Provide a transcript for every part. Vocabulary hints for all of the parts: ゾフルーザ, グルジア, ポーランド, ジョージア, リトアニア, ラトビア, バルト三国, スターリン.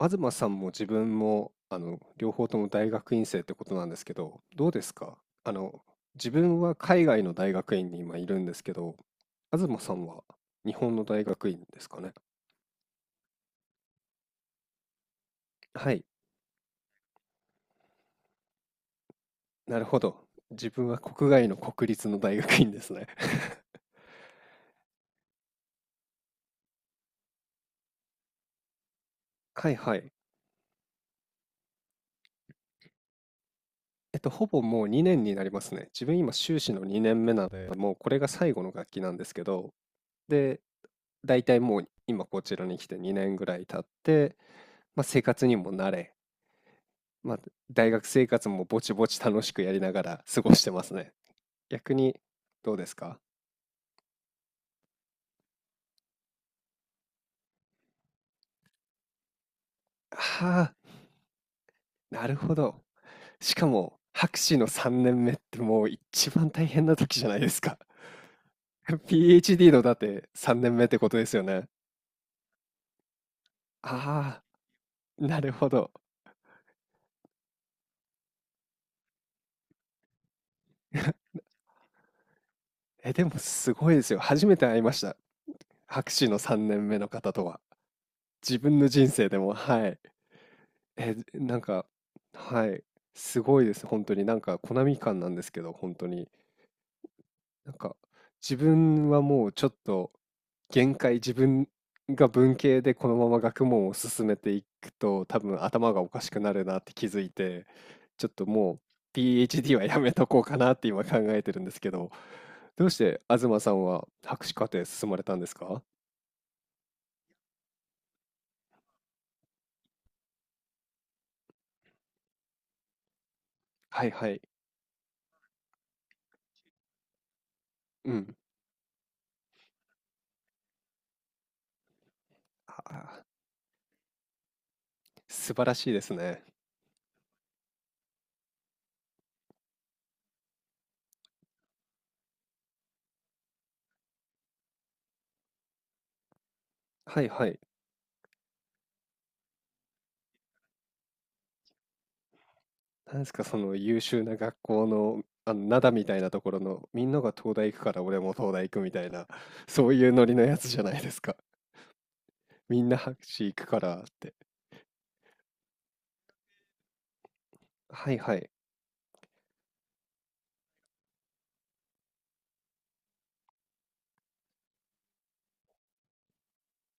東さんも自分も両方とも大学院生ってことなんですけど、どうですか？あの自分は海外の大学院に今いるんですけど、東さんは日本の大学院ですかね。はい、なるほど。自分は国外の国立の大学院ですね。はいはい。ほぼもう2年になりますね。自分今修士の2年目なので、もうこれが最後の学期なんですけど、で、大体もう今こちらに来て2年ぐらい経って、まあ、生活にも慣れ、まあ、大学生活もぼちぼち楽しくやりながら過ごしてますね。逆にどうですか？ああ、なるほど。しかも、博士の3年目ってもう一番大変な時じゃないですか。PhD のだって3年目ってことですよね。ああ、なるほど。え、でもすごいですよ。初めて会いました。博士の3年目の方とは。自分の人生でも、はい。え、なんか、はい。すごいです。本当に。なんか、コナミ感なんですけど、本当に。なんか、自分はもうちょっと限界、自分が文系でこのまま学問を進めていくと、多分頭がおかしくなるなって気づいて、ちょっともう PhD はやめとこうかなって今考えてるんですけど、どうして東さんは博士課程進まれたんですか？はいはい。うん。あー、素晴らしいですね。はいはい。なんですか、その優秀な学校の、灘みたいなところの、みんなが東大行くから俺も東大行くみたいな、そういうノリのやつじゃないですか。みんな博士行くからって。はいはい。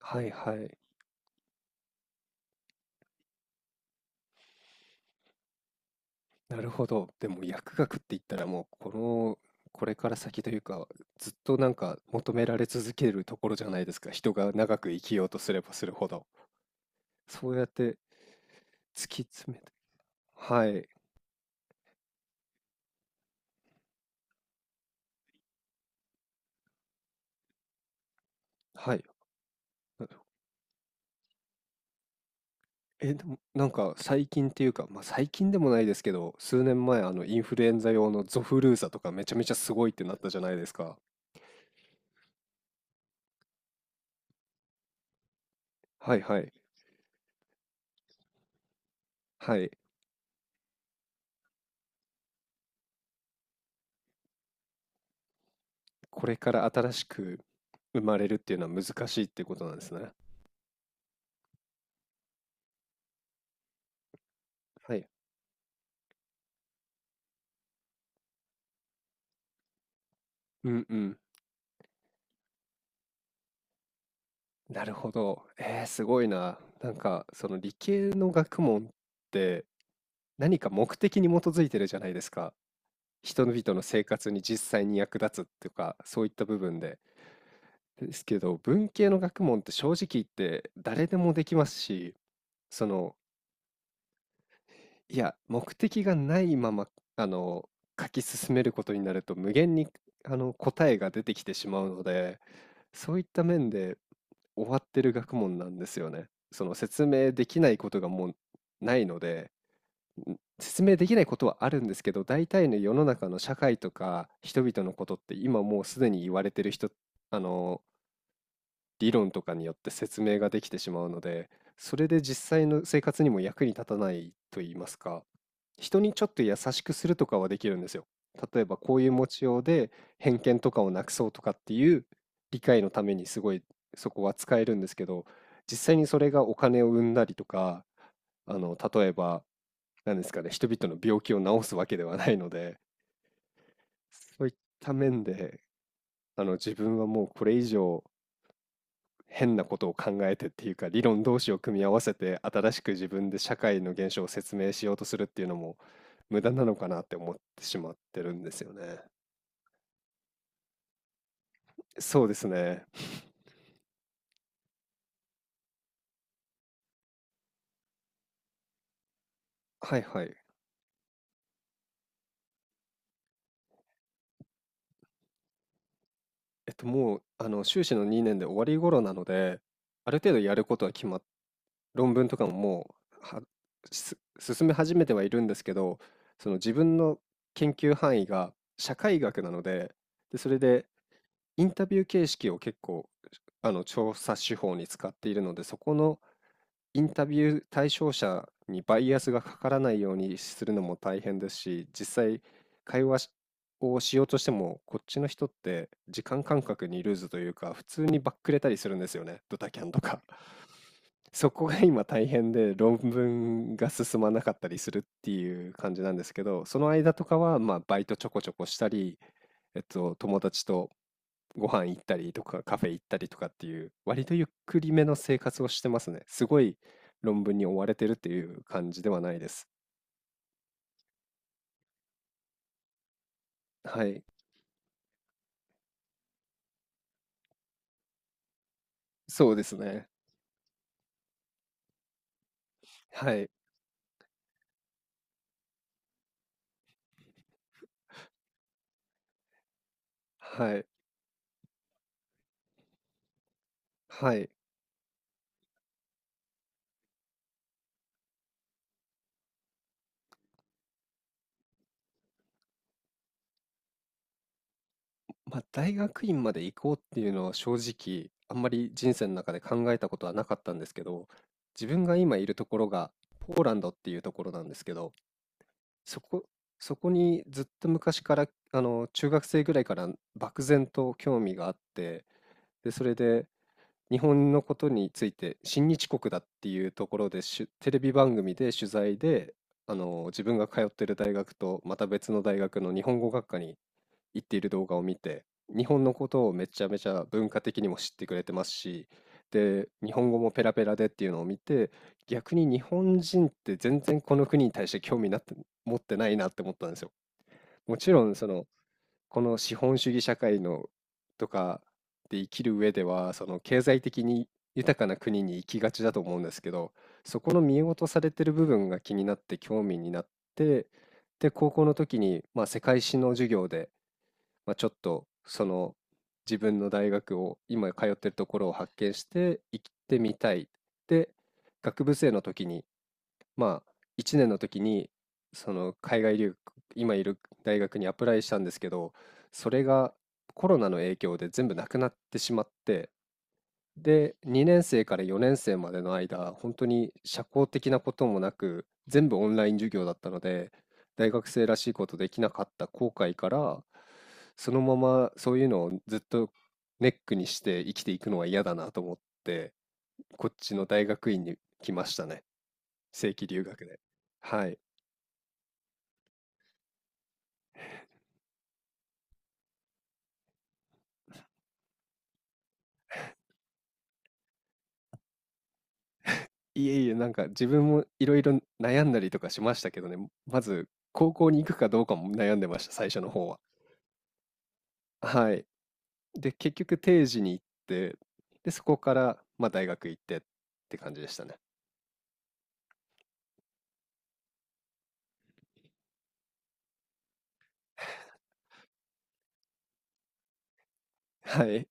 はいはい。なるほど。でも薬学って言ったらもう、この、これから先というか、ずっとなんか求められ続けるところじゃないですか。人が長く生きようとすればするほど。そうやって突き詰めて。はい。はい。え、でも、なんか最近っていうか、まあ、最近でもないですけど、数年前、インフルエンザ用のゾフルーザとかめちゃめちゃすごいってなったじゃないですか。はいはい。はい。これから新しく生まれるっていうのは難しいっていうことなんですね。はい。うんうん。なるほど。すごいな。なんか、その理系の学問って何か目的に基づいてるじゃないですか。人々の生活に実際に役立つっていうか、そういった部分で。ですけど、文系の学問って正直言って誰でもできますし、その、いや、目的がないまま、あの、書き進めることになると無限に、答えが出てきてしまうので、そういった面で終わってる学問なんですよね。その説明できないことがもうないので、説明できないことはあるんですけど、大体の世の中の社会とか人々のことって今もうすでに言われてる人、あの、理論とかによって説明ができてしまうので、それで実際の生活にも役に立たないと言いますか、人にちょっと優しくするとかはできるんですよ。例えばこういう持ちようで偏見とかをなくそうとかっていう理解のためにすごいそこは使えるんですけど、実際にそれがお金を生んだりとか、例えば、何ですかね、人々の病気を治すわけではないので、そういった面で、自分はもうこれ以上変なことを考えてっていうか理論同士を組み合わせて新しく自分で社会の現象を説明しようとするっていうのも無駄なのかなって思ってしまってるんですよね。そうですね。はいはい。もう修士の2年で終わり頃なので、ある程度やることは決まっ論文とかももう進め始めてはいるんですけど、その自分の研究範囲が社会学なので、でそれでインタビュー形式を結構調査手法に使っているので、そこのインタビュー対象者にバイアスがかからないようにするのも大変ですし、実際会話しをしようとしても、こっちの人って時間感覚にルーズというか、普通にバックれたりするんですよね、ドタキャンとか。そこが今大変で論文が進まなかったりするっていう感じなんですけど、その間とかはまあバイトちょこちょこしたり、友達とご飯行ったりとかカフェ行ったりとかっていう割とゆっくりめの生活をしてますね。すごい論文に追われてるっていう感じではないです。はい、そうですね。はい、はい、はい。まあ、大学院まで行こうっていうのは正直、あんまり人生の中で考えたことはなかったんですけど、自分が今いるところがポーランドっていうところなんですけど、そこそこにずっと昔から、中学生ぐらいから漠然と興味があって、で、それで日本のことについて、親日国だっていうところで、テレビ番組で取材で、自分が通ってる大学とまた別の大学の日本語学科に言っている動画を見て、日本のことをめちゃめちゃ文化的にも知ってくれてますし、で、日本語もペラペラでっていうのを見て、逆に日本人って全然この国に対して興味なって持ってないなって思ったんですよ。もちろん、この資本主義社会のとかで生きる上では、その経済的に豊かな国に行きがちだと思うんですけど、そこの見落とされてる部分が気になって興味になって、で、高校の時に、まあ、世界史の授業で、まあ、ちょっとその自分の大学を今通ってるところを発見して行ってみたい。で、学部生の時に、まあ1年の時にその海外留学、今いる大学にアプライしたんですけど、それがコロナの影響で全部なくなってしまって、で、2年生から4年生までの間、本当に社交的なこともなく、全部オンライン授業だったので、大学生らしいことできなかった後悔から、そのままそういうのをずっとネックにして生きていくのは嫌だなと思って、こっちの大学院に来ましたね。正規留学で。はい。いえいえ、なんか自分もいろいろ悩んだりとかしましたけどね、まず高校に行くかどうかも悩んでました、最初の方は。はい。で、結局定時に行って、で、そこから、まあ、大学行ってって感じでしたね。はい。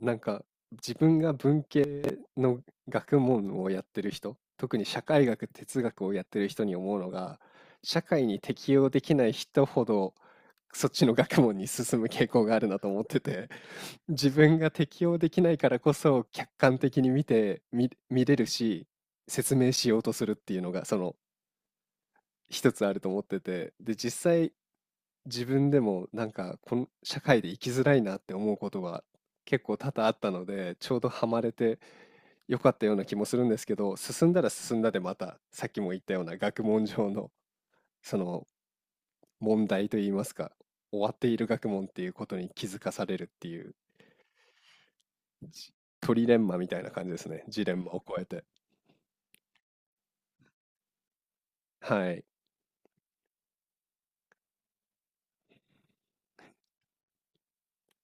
なんか、自分が文系の学問をやってる人、特に社会学、哲学をやってる人に思うのが、社会に適応できない人ほど、そっちの学問に進む傾向があるなと思ってて、自分が適応できないからこそ、客観的に見て、見れるし、説明しようとするっていうのが、一つあると思ってて、で、実際、自分でもなんかこの社会で生きづらいなって思うことが結構多々あったので、ちょうどハマれてよかったような気もするんですけど、進んだら進んだでまたさっきも言ったような学問上のその問題といいますか、終わっている学問っていうことに気づかされるっていうジトリレンマみたいな感じですね。ジレンマを超えて。はい。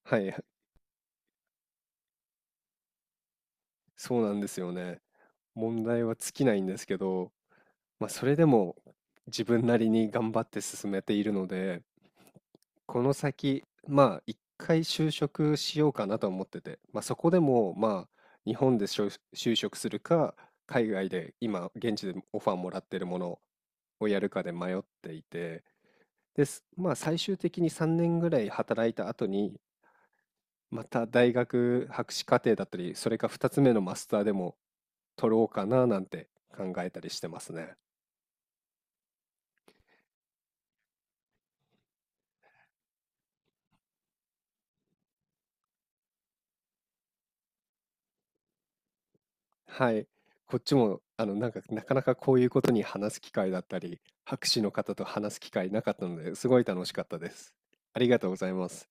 はいはい。そうなんですよね。問題は尽きないんですけど、まあ、それでも自分なりに頑張って進めているので、この先、まあ、一回就職しようかなと思ってて、まあ、そこでも、まあ、日本で就職するか、海外で今、現地でオファーもらってるものをやるかで迷っていて、です。まあ、最終的に3年ぐらい働いた後に、また大学博士課程だったり、それか2つ目のマスターでも取ろうかななんて考えたりしてますね。はい。こっちも、なんか、なかなかこういうことに話す機会だったり、博士の方と話す機会なかったので、すごい楽しかったです。ありがとうございます。